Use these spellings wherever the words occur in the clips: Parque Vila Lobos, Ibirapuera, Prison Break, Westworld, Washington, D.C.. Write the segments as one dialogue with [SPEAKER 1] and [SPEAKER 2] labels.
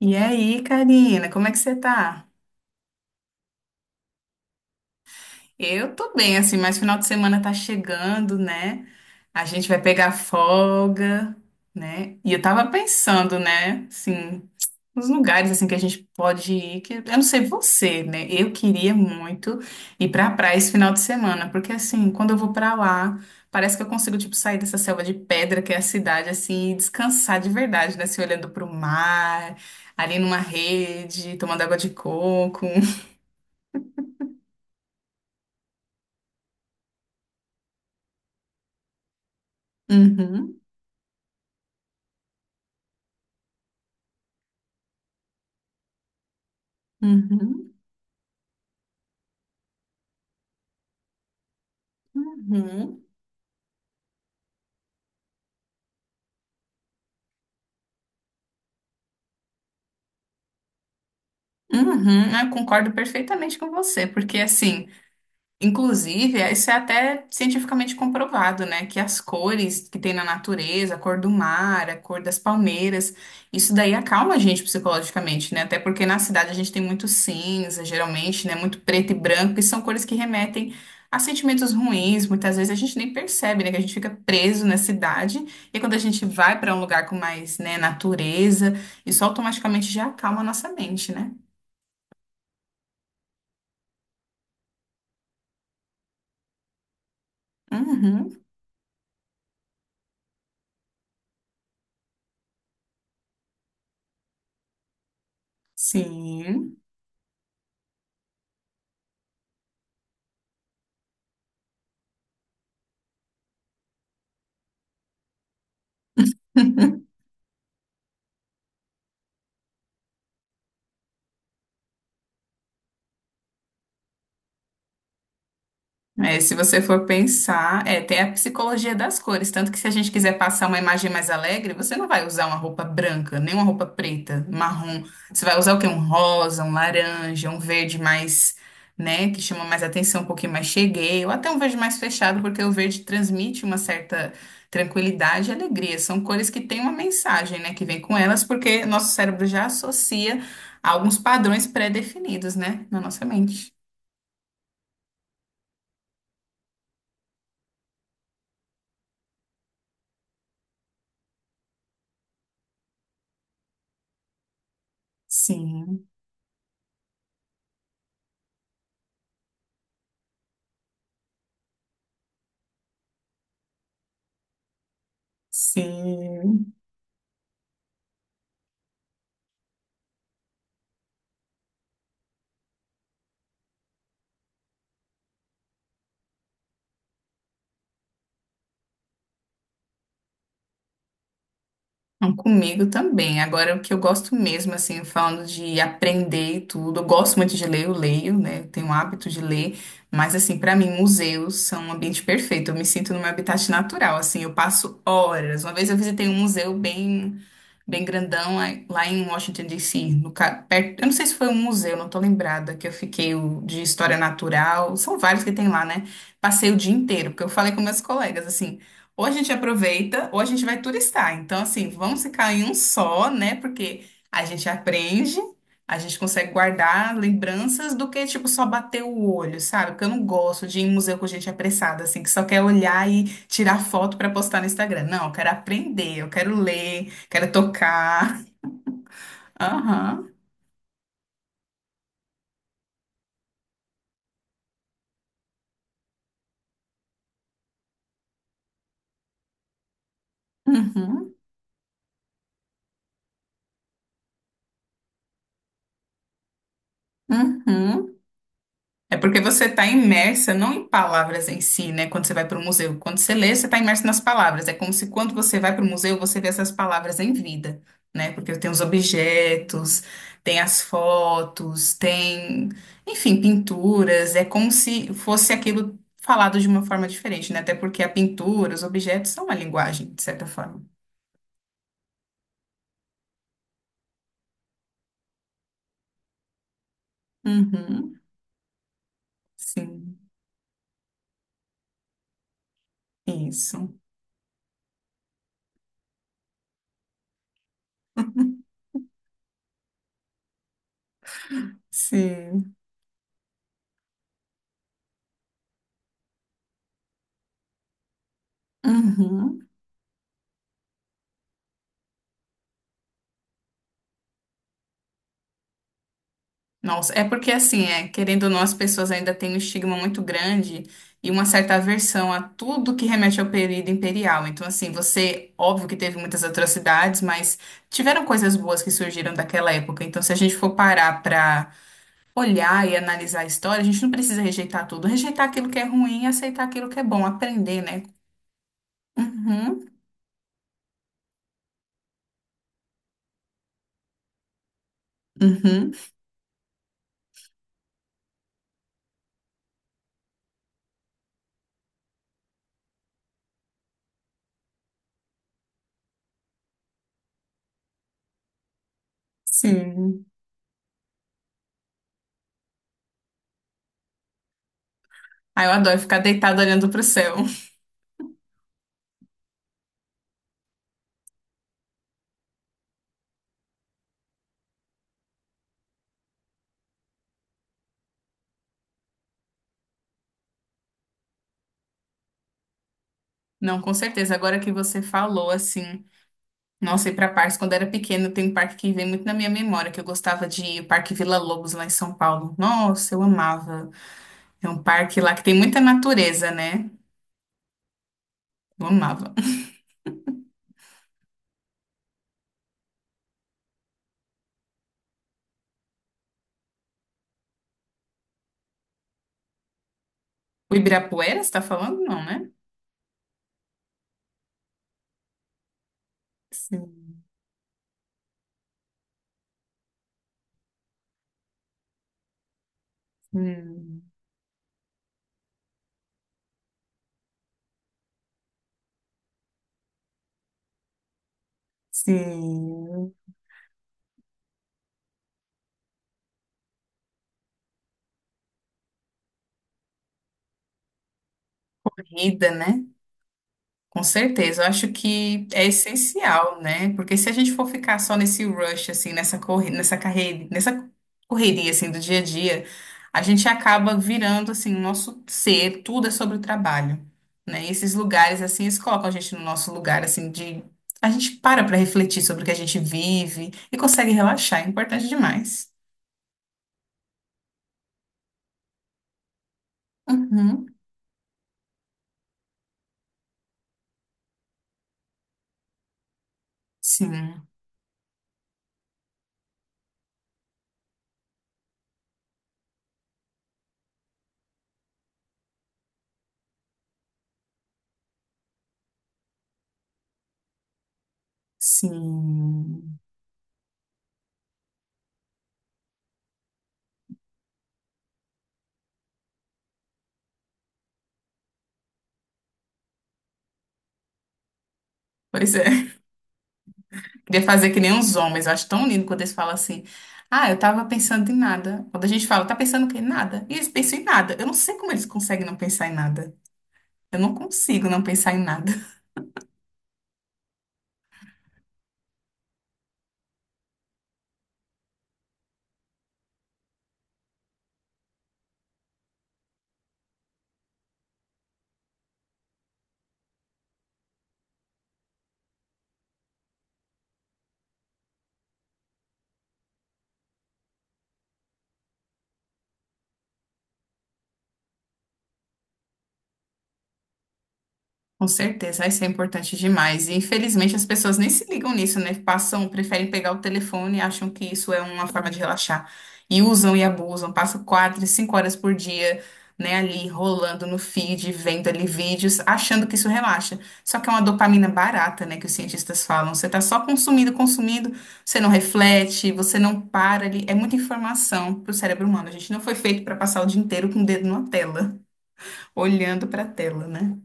[SPEAKER 1] E aí, Karina, como é que você tá? Eu tô bem, assim, mas final de semana tá chegando, né? A gente vai pegar folga, né? E eu tava pensando, né, assim, nos lugares, assim, que a gente pode ir, que eu não sei você, né? Eu queria muito ir pra praia esse final de semana, porque, assim, quando eu vou pra lá, parece que eu consigo, tipo, sair dessa selva de pedra que é a cidade, assim, e descansar de verdade, né? Se olhando pro mar, ali numa rede, tomando água de coco. Uhum, uhum, uhum, uhum. Eu concordo perfeitamente com você, porque assim. Inclusive, isso é até cientificamente comprovado, né? Que as cores que tem na natureza, a cor do mar, a cor das palmeiras, isso daí acalma a gente psicologicamente, né? Até porque na cidade a gente tem muito cinza, geralmente, né? Muito preto e branco, e são cores que remetem a sentimentos ruins. Muitas vezes a gente nem percebe, né? Que a gente fica preso na cidade, e quando a gente vai para um lugar com mais, né, natureza, isso automaticamente já acalma a nossa mente, né? Uhum, sim. É, se você for pensar, é, tem a psicologia das cores, tanto que se a gente quiser passar uma imagem mais alegre, você não vai usar uma roupa branca, nem uma roupa preta, marrom. Você vai usar o quê? Um rosa, um laranja, um verde mais, né, que chama mais atenção, um pouquinho mais cheguei, ou até um verde mais fechado, porque o verde transmite uma certa tranquilidade e alegria. São cores que têm uma mensagem, né, que vem com elas, porque nosso cérebro já associa a alguns padrões pré-definidos, né, na nossa mente. Sim, sim. Não, comigo também. Agora, o que eu gosto mesmo, assim, falando de aprender e tudo, eu gosto muito de ler, eu leio, né? Eu tenho o hábito de ler, mas, assim, pra mim, museus são um ambiente perfeito. Eu me sinto no meu habitat natural, assim, eu passo horas. Uma vez eu visitei um museu bem, bem grandão lá em Washington, D.C., no, perto, eu não sei se foi um museu, não tô lembrada, que eu fiquei o de história natural, são vários que tem lá, né? Passei o dia inteiro, porque eu falei com meus colegas, assim. Ou a gente aproveita, ou a gente vai turistar. Então, assim, vamos ficar em um só, né? Porque a gente aprende, a gente consegue guardar lembranças do que, tipo, só bater o olho, sabe? Porque eu não gosto de ir em museu com gente apressada, assim, que só quer olhar e tirar foto pra postar no Instagram. Não, eu quero aprender, eu quero ler, quero tocar. Aham. Uhum. Uhum. É porque você está imersa não em palavras em si, né? Quando você vai para o museu. Quando você lê, você está imersa nas palavras. É como se quando você vai para o museu, você vê essas palavras em vida, né? Porque tem os objetos, tem as fotos, tem, enfim, pinturas. É como se fosse aquilo falado de uma forma diferente, né? Até porque a pintura, os objetos são uma linguagem, de certa forma. Uhum, sim, isso. Sim. Uhum. Nossa, é porque assim, é, querendo ou não, as pessoas ainda têm um estigma muito grande e uma certa aversão a tudo que remete ao período imperial. Então, assim, você, óbvio que teve muitas atrocidades, mas tiveram coisas boas que surgiram daquela época. Então, se a gente for parar pra olhar e analisar a história, a gente não precisa rejeitar tudo, rejeitar aquilo que é ruim e aceitar aquilo que é bom, aprender, né? Uhum, uhum, sim. Ah, eu adoro ficar deitado olhando pro céu. Não, com certeza. Agora que você falou, assim, nossa, ir para parques, quando era pequeno, tem um parque que vem muito na minha memória, que eu gostava de ir, o Parque Vila Lobos, lá em São Paulo. Nossa, eu amava. É um parque lá que tem muita natureza, né? Eu amava. O Ibirapuera, você tá falando? Não, né? Sim. Hum. Sim. Corrida, né? Com certeza, eu acho que é essencial, né? Porque se a gente for ficar só nesse rush, assim, nessa corre... nessa carreira, nessa correria, assim, do dia a dia, a gente acaba virando, assim, o nosso ser, tudo é sobre o trabalho, né? E esses lugares, assim, eles colocam a gente no nosso lugar, assim, de... A gente para para refletir sobre o que a gente vive e consegue relaxar, é importante demais. Uhum. Sim, sim. Pois é. Queria fazer que nem uns homens. Eu acho tão lindo quando eles falam assim. Ah, eu tava pensando em nada. Quando a gente fala, tá pensando o quê? Em nada. E eles pensam em nada. Eu não sei como eles conseguem não pensar em nada. Eu não consigo não pensar em nada. Com certeza, isso é importante demais. E infelizmente as pessoas nem se ligam nisso, né? Passam, preferem pegar o telefone, acham que isso é uma forma de relaxar. E usam e abusam, passam quatro, cinco horas por dia, né, ali rolando no feed, vendo ali vídeos, achando que isso relaxa. Só que é uma dopamina barata, né, que os cientistas falam. Você tá só consumindo, consumindo, você não reflete, você não para ali. É muita informação pro cérebro humano. A gente não foi feito para passar o dia inteiro com o dedo na tela, olhando pra tela, né?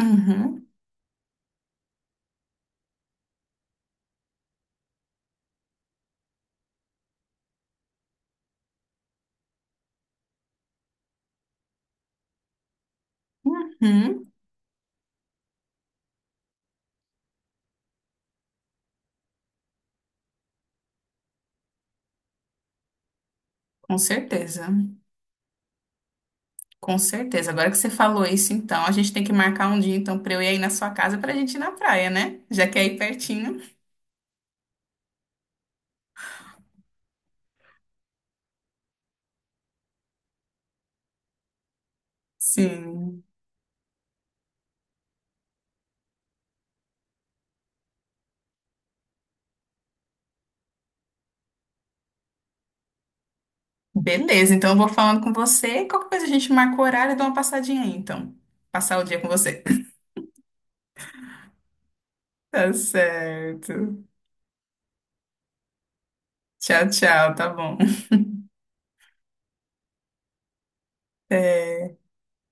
[SPEAKER 1] Uhum. Uhum, com certeza, com certeza. Agora que você falou isso, então, a gente tem que marcar um dia, então, pra eu ir aí na sua casa pra gente ir na praia, né? Já que é aí pertinho. Sim. Beleza, então eu vou falando com você. Qualquer coisa a gente marca o horário e dá uma passadinha aí, então. Passar o dia com você. Tá certo. Tchau, tchau, tá bom.